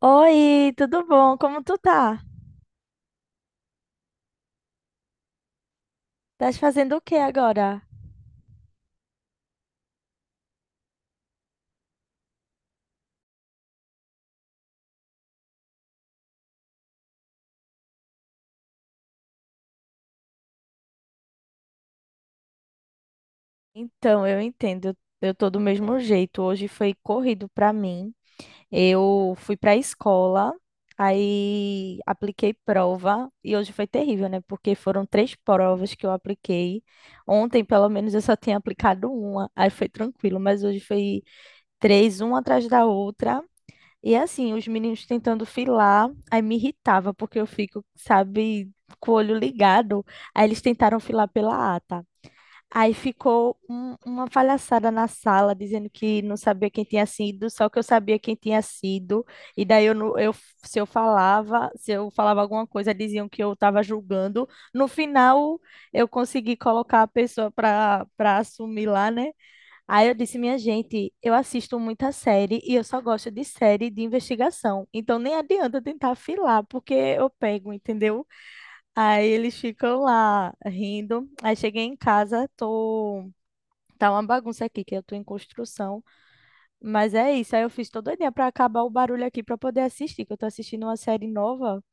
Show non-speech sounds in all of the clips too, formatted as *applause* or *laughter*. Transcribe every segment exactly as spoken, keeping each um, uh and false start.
Oi, tudo bom? Como tu tá? Estás fazendo o que agora? Então, eu entendo. Eu tô do mesmo jeito. Hoje foi corrido pra mim. Eu fui pra escola, aí apliquei prova e hoje foi terrível, né? Porque foram três provas que eu apliquei. Ontem, pelo menos, eu só tinha aplicado uma, aí foi tranquilo, mas hoje foi três, uma atrás da outra. E assim, os meninos tentando filar, aí me irritava, porque eu fico, sabe, com o olho ligado. Aí eles tentaram filar pela ata. Aí ficou um- uma palhaçada na sala, dizendo que não sabia quem tinha sido, só que eu sabia quem tinha sido. E daí eu, não- eu se eu falava, se eu falava alguma coisa, diziam que eu estava julgando. No final, eu consegui colocar a pessoa para para assumir lá, né? Aí eu disse, minha gente, eu assisto muita série e eu só gosto de série de investigação. Então nem adianta tentar afilar, porque eu pego, entendeu? Aí eles ficam lá rindo. Aí cheguei em casa, tô. Tá uma bagunça aqui, que eu tô em construção. Mas é isso. Aí eu fiz todo dia pra acabar o barulho aqui pra poder assistir, que eu tô assistindo uma série nova.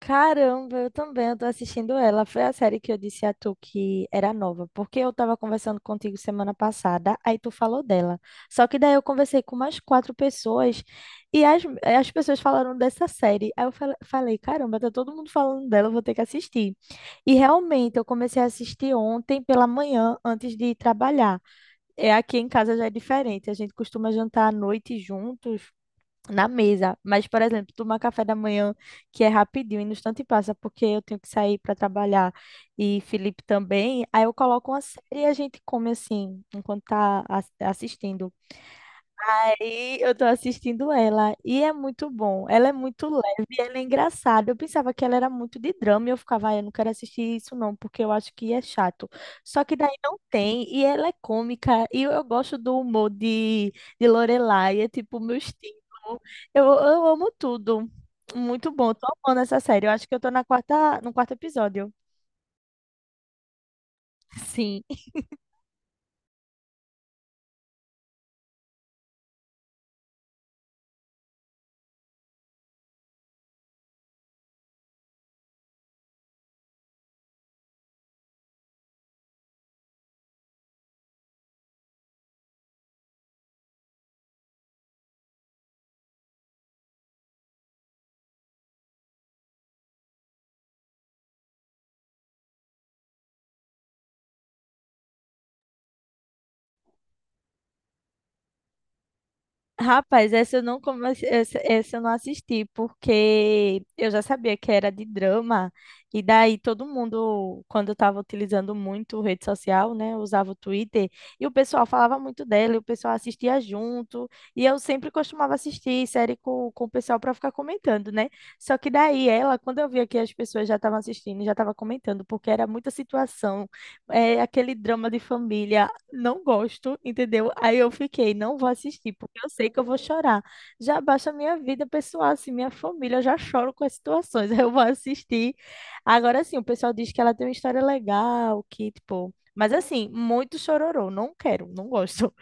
Caramba, eu também, eu tô assistindo ela. Foi a série que eu disse a tu que era nova, porque eu tava conversando contigo semana passada, aí tu falou dela. Só que daí eu conversei com mais quatro pessoas e as, as pessoas falaram dessa série. Aí eu fal- falei, caramba, tá todo mundo falando dela, eu vou ter que assistir. E realmente, eu comecei a assistir ontem pela manhã, antes de ir trabalhar. É, aqui em casa já é diferente, a gente costuma jantar à noite juntos, na mesa. Mas, por exemplo, tomar café da manhã, que é rapidinho, e no instante passa, porque eu tenho que sair para trabalhar e Felipe também. Aí eu coloco uma série e a gente come assim, enquanto tá as- assistindo. Aí eu tô assistindo ela e é muito bom. Ela é muito leve, ela é engraçada. Eu pensava que ela era muito de drama e eu ficava: "Ah, eu não quero assistir isso não, porque eu acho que é chato." Só que daí não tem e ela é cômica e eu, eu gosto do humor de, de Lorelai, é tipo o meu estilo. Eu, eu amo tudo. Muito bom, tô amando essa série. Eu acho que eu tô na quarta, no quarto episódio. *laughs* Sim. Rapaz, essa eu não comecei, essa, essa eu não assisti, porque eu já sabia que era de drama, e daí todo mundo, quando eu estava utilizando muito rede social, né, eu usava o Twitter, e o pessoal falava muito dela, e o pessoal assistia junto, e eu sempre costumava assistir série com, com o pessoal para ficar comentando, né? Só que daí ela, quando eu via que as pessoas já estavam assistindo, já estavam comentando, porque era muita situação, é, aquele drama de família, não gosto, entendeu? Aí eu fiquei, não vou assistir, porque eu sei que eu vou chorar. Já baixa a minha vida pessoal, assim, minha família, eu já choro com as situações. *laughs* Aí eu vou assistir. Agora sim, o pessoal diz que ela tem uma história legal, que, tipo. Mas assim, muito chororô, não quero, não gosto.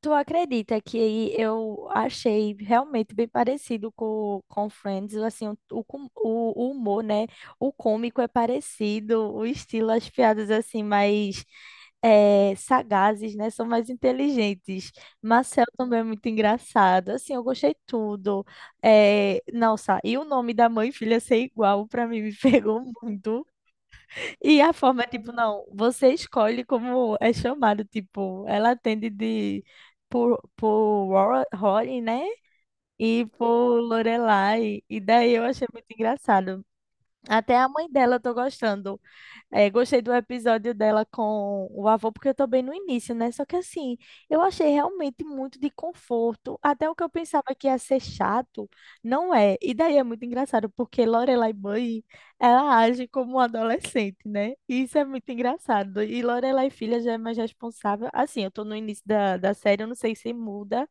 Tu acredita que eu achei realmente bem parecido com, com Friends, assim, o, o, com- o o humor, né? O cômico é parecido, o estilo, as piadas, assim, mais eh, sagazes, né? São mais inteligentes. Marcel também é muito engraçado, assim, eu gostei tudo. Eh, nossa, e o nome da mãe e filha ser igual, pra mim, me *laughs* pegou muito. E a forma é tipo, não, você escolhe como é chamado, tipo, ela atende de por, por Ro- Rory, né? E por Lorelai. E daí eu achei muito engraçado. Até a mãe dela eu tô gostando. É, gostei do episódio dela com o avô, porque eu tô bem no início, né? Só que assim, eu achei realmente muito de conforto. Até o que eu pensava que ia ser chato, não é. E daí é muito engraçado, porque Lorelai mãe, ela age como uma adolescente, né? E isso é muito engraçado. E Lorelai filha já é mais responsável. Assim, eu tô no início da, da série, eu não sei se muda,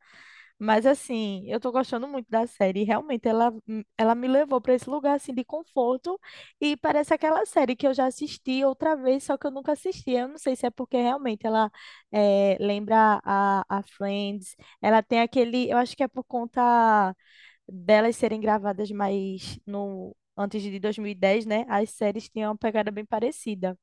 mas assim, eu tô gostando muito da série. E realmente, ela, hum, ela me levou para esse lugar assim de conforto e parece aquela série que eu já assisti outra vez, só que eu nunca assisti. Eu não sei se é porque realmente ela eh, lembra a, a Friends. Ela tem aquele, eu acho que é por conta delas serem gravadas mais no antes de dois mil e dez, né? As séries tinham uma pegada bem parecida.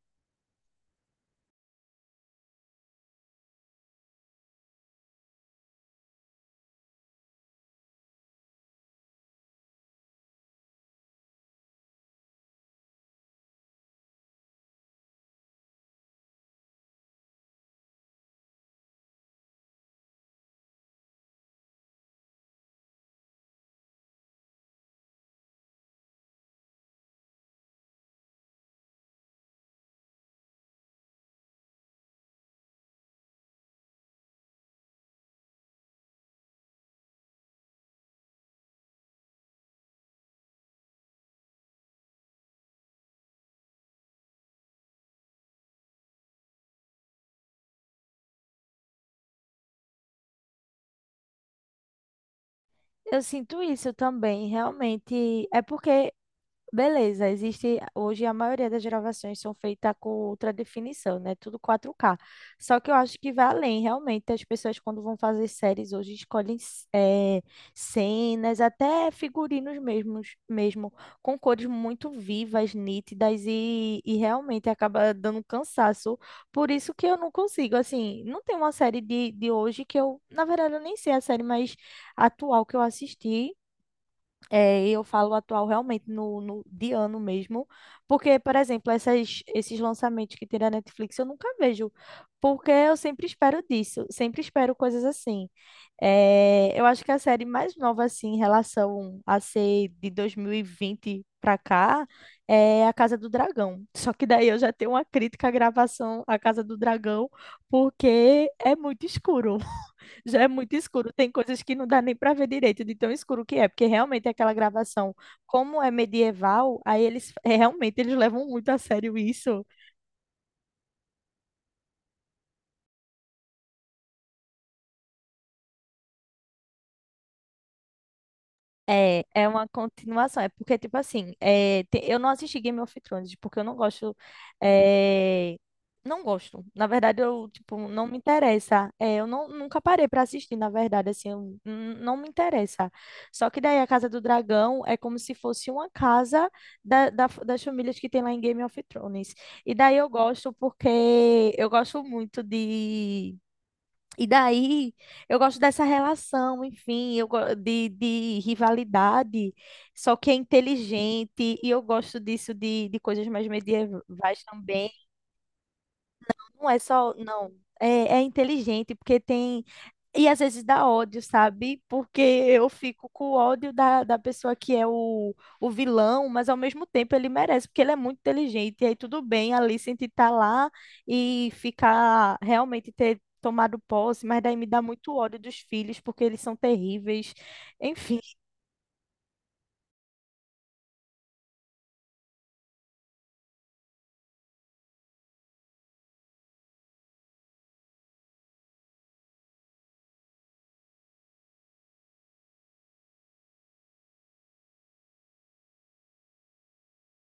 Eu sinto isso também, realmente. É porque beleza, existe hoje a maioria das gravações são feitas com ultra definição, né? Tudo quatro K. Só que eu acho que vai além, realmente. As pessoas, quando vão fazer séries hoje, escolhem c- eh, cenas, até figurinos mesmos, mesmo, com cores muito vivas, nítidas, e, e realmente acaba dando cansaço. Por isso que eu não consigo, assim, não tem uma série de, de hoje que eu, na verdade, eu nem sei a série mais atual que eu assisti. É, eu falo atual realmente no, no de ano mesmo, porque, por exemplo, essas, esses lançamentos que tem na Netflix eu nunca vejo, porque eu sempre espero disso, sempre espero coisas assim. É, eu acho que a série mais nova, assim, em relação a ser de dois mil e vinte pra cá, é A Casa do Dragão. Só que daí eu já tenho uma crítica à gravação A Casa do Dragão, porque é muito escuro, já é muito escuro. Tem coisas que não dá nem para ver direito de tão escuro que é, porque realmente aquela gravação, como é medieval, aí eles é, realmente eles levam muito a sério isso. É, é uma continuação. É porque, tipo assim, é, te- eu não assisti Game of Thrones, porque eu não gosto. É, não gosto. Na verdade, eu, tipo, não me interessa. É, eu não, nunca parei pra assistir, na verdade, assim, eu, n- não me interessa. Só que daí a Casa do Dragão é como se fosse uma casa da, da- f- das famílias que tem lá em Game of Thrones. E daí eu gosto porque eu gosto muito de e daí, eu gosto dessa relação, enfim, eu go- de, de rivalidade, só que é inteligente, e eu gosto disso de, de coisas mais medievais também. Não é só, não, é, é inteligente, porque tem e às vezes dá ódio, sabe? Porque eu fico com o ódio da, da pessoa que é o, o vilão, mas ao mesmo tempo ele merece, porque ele é muito inteligente. E aí tudo bem a Alicent estar lá e ficar realmente ter tomado posse, mas daí me dá muito ódio dos filhos, porque eles são terríveis. Enfim,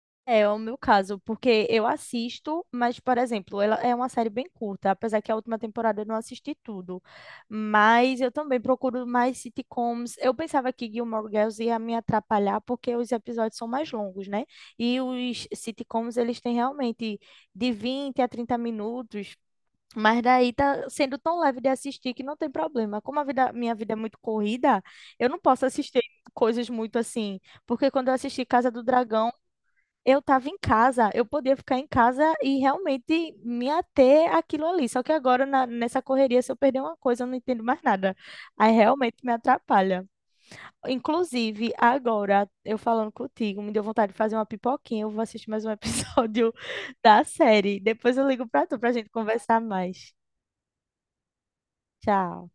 É é o meu caso, porque eu assisto, mas, por exemplo, ela é uma série bem curta, apesar que a última temporada eu não assisti tudo. Mas eu também procuro mais sitcoms. Eu pensava que Gilmore Girls ia me atrapalhar, porque os episódios são mais longos, né? E os sitcoms, eles têm realmente de vinte a trinta minutos. Mas daí tá sendo tão leve de assistir que não tem problema. Como a vida, minha vida é muito corrida, eu não posso assistir coisas muito assim. Porque quando eu assisti Casa do Dragão, eu estava em casa, eu podia ficar em casa e realmente me ater àquilo ali. Só que agora, na- nessa correria, se eu perder uma coisa, eu não entendo mais nada. Aí realmente me atrapalha. Inclusive, agora, eu falando contigo, me deu vontade de fazer uma pipoquinha. Eu vou assistir mais um *laughs* episódio da série. Depois eu ligo para tu para a gente conversar mais. Tchau.